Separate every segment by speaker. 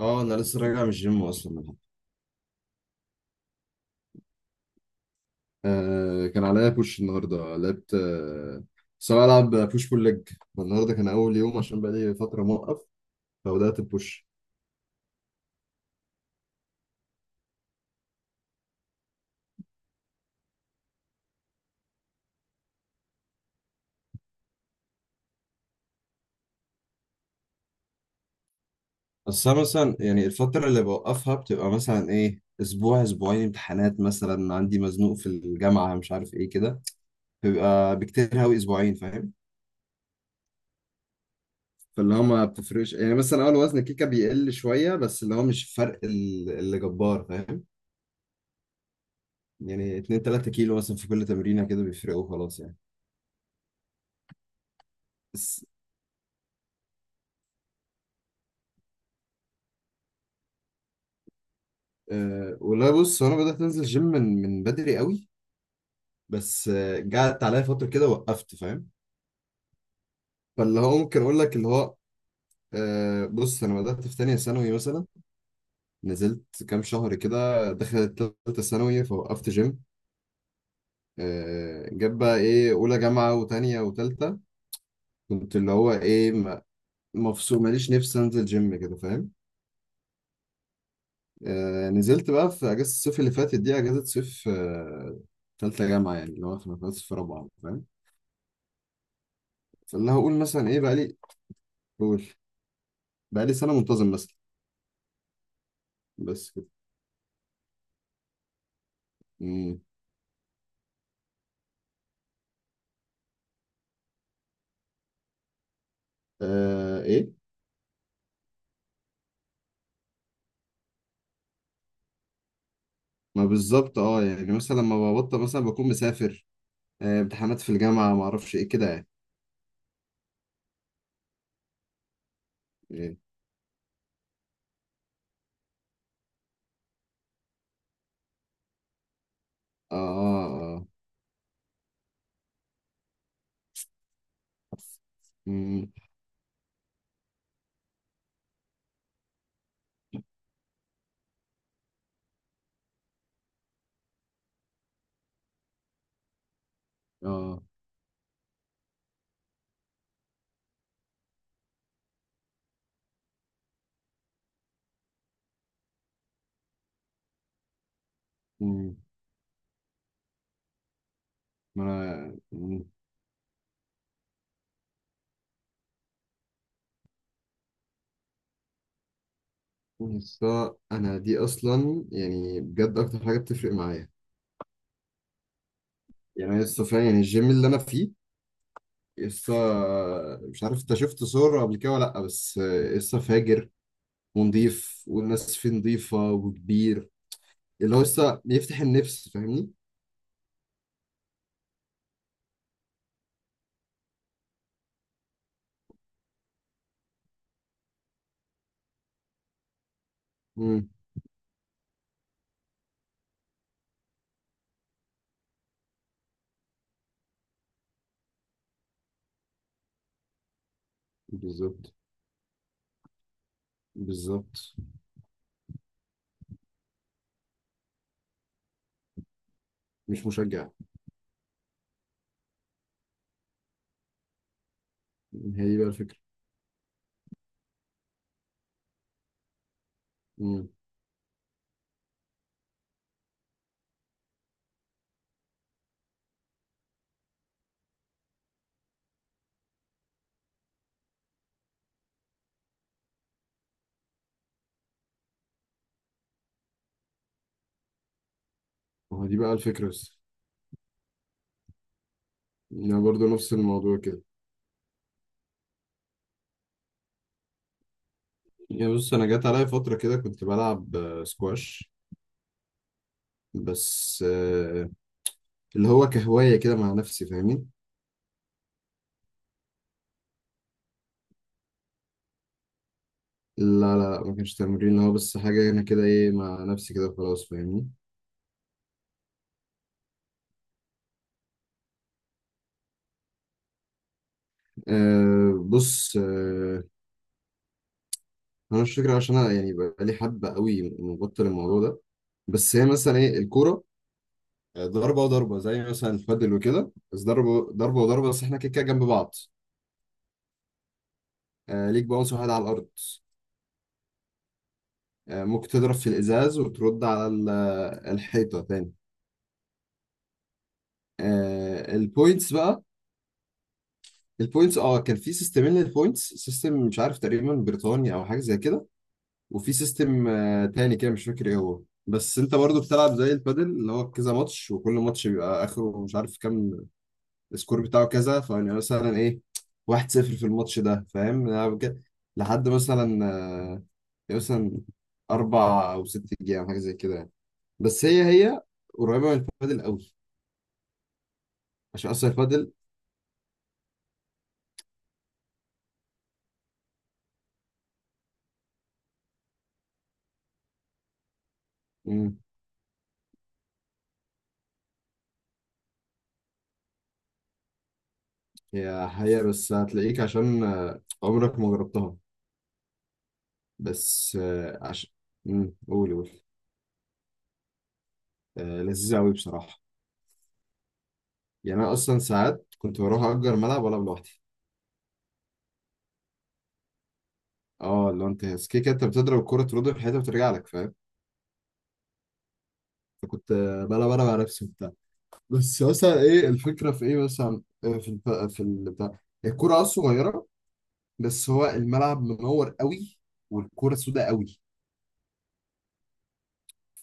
Speaker 1: اه انا لسه راجع من الجيم اصلا. آه، كان عليا بوش النهارده، لعبت. بس انا بلعب بوش بول ليج. النهارده كان اول يوم عشان بقالي فتره موقف، فبدات ببوش. بس أنا مثلا يعني الفتره اللي بوقفها بتبقى مثلا ايه اسبوع اسبوعين، امتحانات مثلا عندي، مزنوق في الجامعه، مش عارف ايه كده. بيبقى بكتير قوي اسبوعين، فاهم؟ فاللي هو ما بتفرقش يعني، مثلا اول وزن الكيكه بيقل شويه، بس اللي هو مش فرق اللي جبار، فاهم؟ يعني 2 3 كيلو مثلا في كل تمرينه كده بيفرقوا خلاص يعني. بس والله بص، هو انا بدأت انزل جيم من بدري قوي. بس جات عليا فترة كده وقفت، فاهم؟ فاللي هو ممكن اقول لك اللي هو، أه، بص، انا بدأت في تانية ثانوي مثلا. نزلت كام شهر كده، دخلت تالتة ثانوي فوقفت جيم. أه، جاب بقى ايه، اولى جامعة وتانية وتالتة، كنت اللي هو ايه مفصول، ماليش نفسي انزل جيم كده، فاهم؟ أه، نزلت بقى في اجازة الصيف اللي فاتت دي، اجازة صيف تالتة جامعة، يعني اللي هو في رابعة، فاهم؟ اللي هقول مثلا ايه، بقالي... قول. بقالي سنة منتظم مثلا. بس كده. مم. آه، ايه. ما بالظبط، اه، يعني مثلا لما ببطل مثلا بكون مسافر، آه، امتحانات في الجامعة، ما اعرفش ايه كده يعني. إيه. اه، اه، اه. مم. اه. مم. ما انا، مم. بس انا دي اصلا يعني بجد اكتر حاجة بتفرق معايا. يعني أنا لسه فعلا، يعني الجيم اللي انا فيه لسه، مش عارف انت شفت صور قبل كده ولا لا، بس لسه فاجر ونضيف، والناس فيه نضيفة، وكبير، اللي هو لسه بيفتح النفس، فاهمني؟ امم. بالظبط، بالظبط. مش مشجع. هي دي بقى الفكرة. امم. ما هو دي بقى الفكرة بس. يعني برضه نفس الموضوع كده. يعني بص، أنا جات عليا فترة كده كنت بلعب سكواش. بس اللي هو كهواية كده مع نفسي، فاهمين؟ لا لا، ما كانش تمرين، هو بس حاجة أنا كده إيه مع نفسي كده خلاص، فاهمني؟ آه، بص، انا مش فاكر عشان انا يعني بقالي حبه قوي مبطل الموضوع ده. بس هي مثلا ايه الكوره، ضربه وضربه، زي مثلا البادل وكده، بس ضربه ضربه وضربه، بس احنا كده كده جنب بعض. آه، ليك باونس واحد على الارض. آه، ممكن تضرب في الازاز وترد على الحيطه تاني. آه، البوينتس بقى. البوينتس كان في سيستمين للبوينتس، سيستم مش عارف تقريبا بريطاني او حاجه زي كده، وفي سيستم تاني كده مش فاكر ايه هو. بس انت برضو بتلعب زي البادل، اللي هو كذا ماتش، وكل ماتش بيبقى اخره مش عارف كام السكور بتاعه كذا. فيعني مثلا ايه، 1-0 في الماتش ده، فاهم؟ أنا لحد مثلا مثلا أربع أو ست جيام حاجة زي كده يعني. بس هي قريبة من الفادل قوي. عشان أصلا الفادل. مم، هي بس، هتلاقيك عشان عمرك ما جربتها. بس عشان... قول، قول. آه، لذيذة قوي بصراحة. يعني أنا أصلا ساعات كنت بروح أجر ملعب وألعب لوحدي. اه، لو أنت كده كده، أنت بتضرب الكورة ترد في حياتها وترجع لك، فاهم؟ فكنت بلا بلا مع نفسي وبتاع. بس مثلا ايه الفكره، في ايه مثلا، في البتاع، الكوره صغيره، بس هو الملعب منور قوي، والكوره سوداء قوي.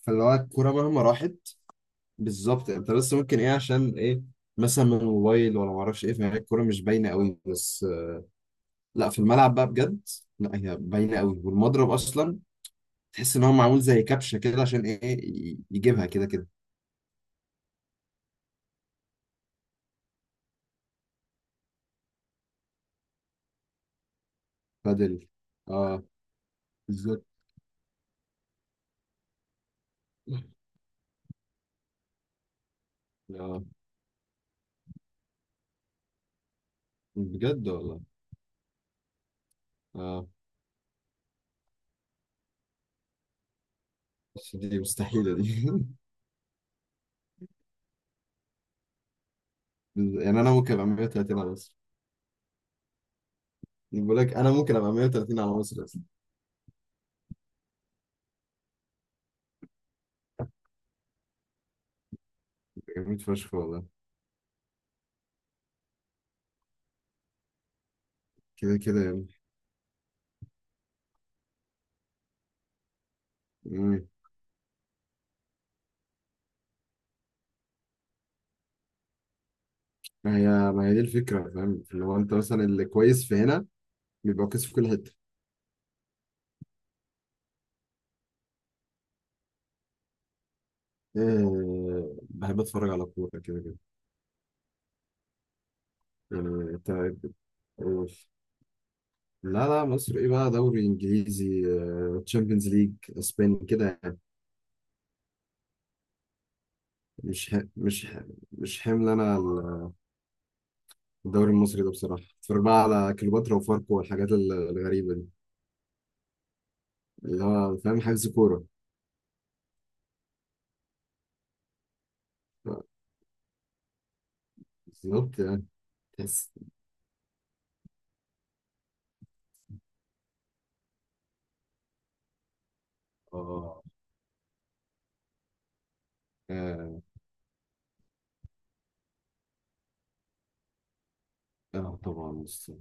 Speaker 1: فاللي هو الكوره مهما راحت. بالظبط. انت بس ممكن ايه عشان ايه، مثلا من الموبايل ولا ما اعرفش ايه، فهي الكوره مش باينه قوي، بس لا، في الملعب بقى بجد، لا هي باينه قوي. والمضرب اصلا تحس ان هو معمول زي كبشه كده عشان ايه يجيبها كده كده. بدل. اه، بالظبط. اه، بجد والله. اه، بس دي مستحيلة دي. يعني انا ممكن ابقى 130 على مصر. بقول لك انا ممكن ابقى 130 على مصر اصلا. جميل فشخ والله. كده كده يعني. مم. ما هي دي الفكرة، فاهم؟ اللي هو انت مثلا اللي كويس في هنا بيبقى كويس في كل حتة. أه، بحب اتفرج على كورة كده كده. يعني انت، أوف. لا لا، مصر ايه بقى، دوري انجليزي، تشامبيونز ليج، اسباني كده يعني. مش ح... مش ح... مش حمل انا الدوري المصري ده بصراحة. اتفرج بقى على كليوباترا وفاركو والحاجات الغريبة دي، اللي هو فاهم حجز كورة. آه، بالظبط يعني. تحس. اه، اه، آه، طبعا لسه.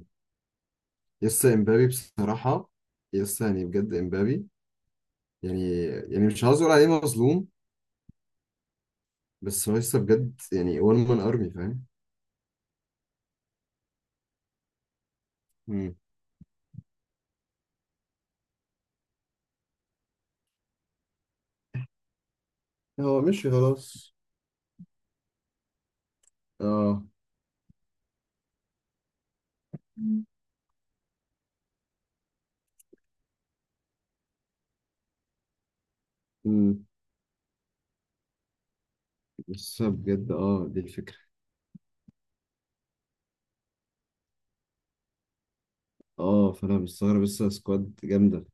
Speaker 1: لسه امبابي بصراحة، لسه يعني بجد امبابي. يعني مش عاوز اقول عليه مظلوم، بس هو لسه بجد يعني، وان مان ارمي، فاهم؟ مم. هو مشي خلاص. اه. مم. مم. لسه بجد، دي الفكرة. اه، فانا مستغرب، لسه سكواد جامدة.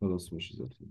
Speaker 1: خلاص، مش زي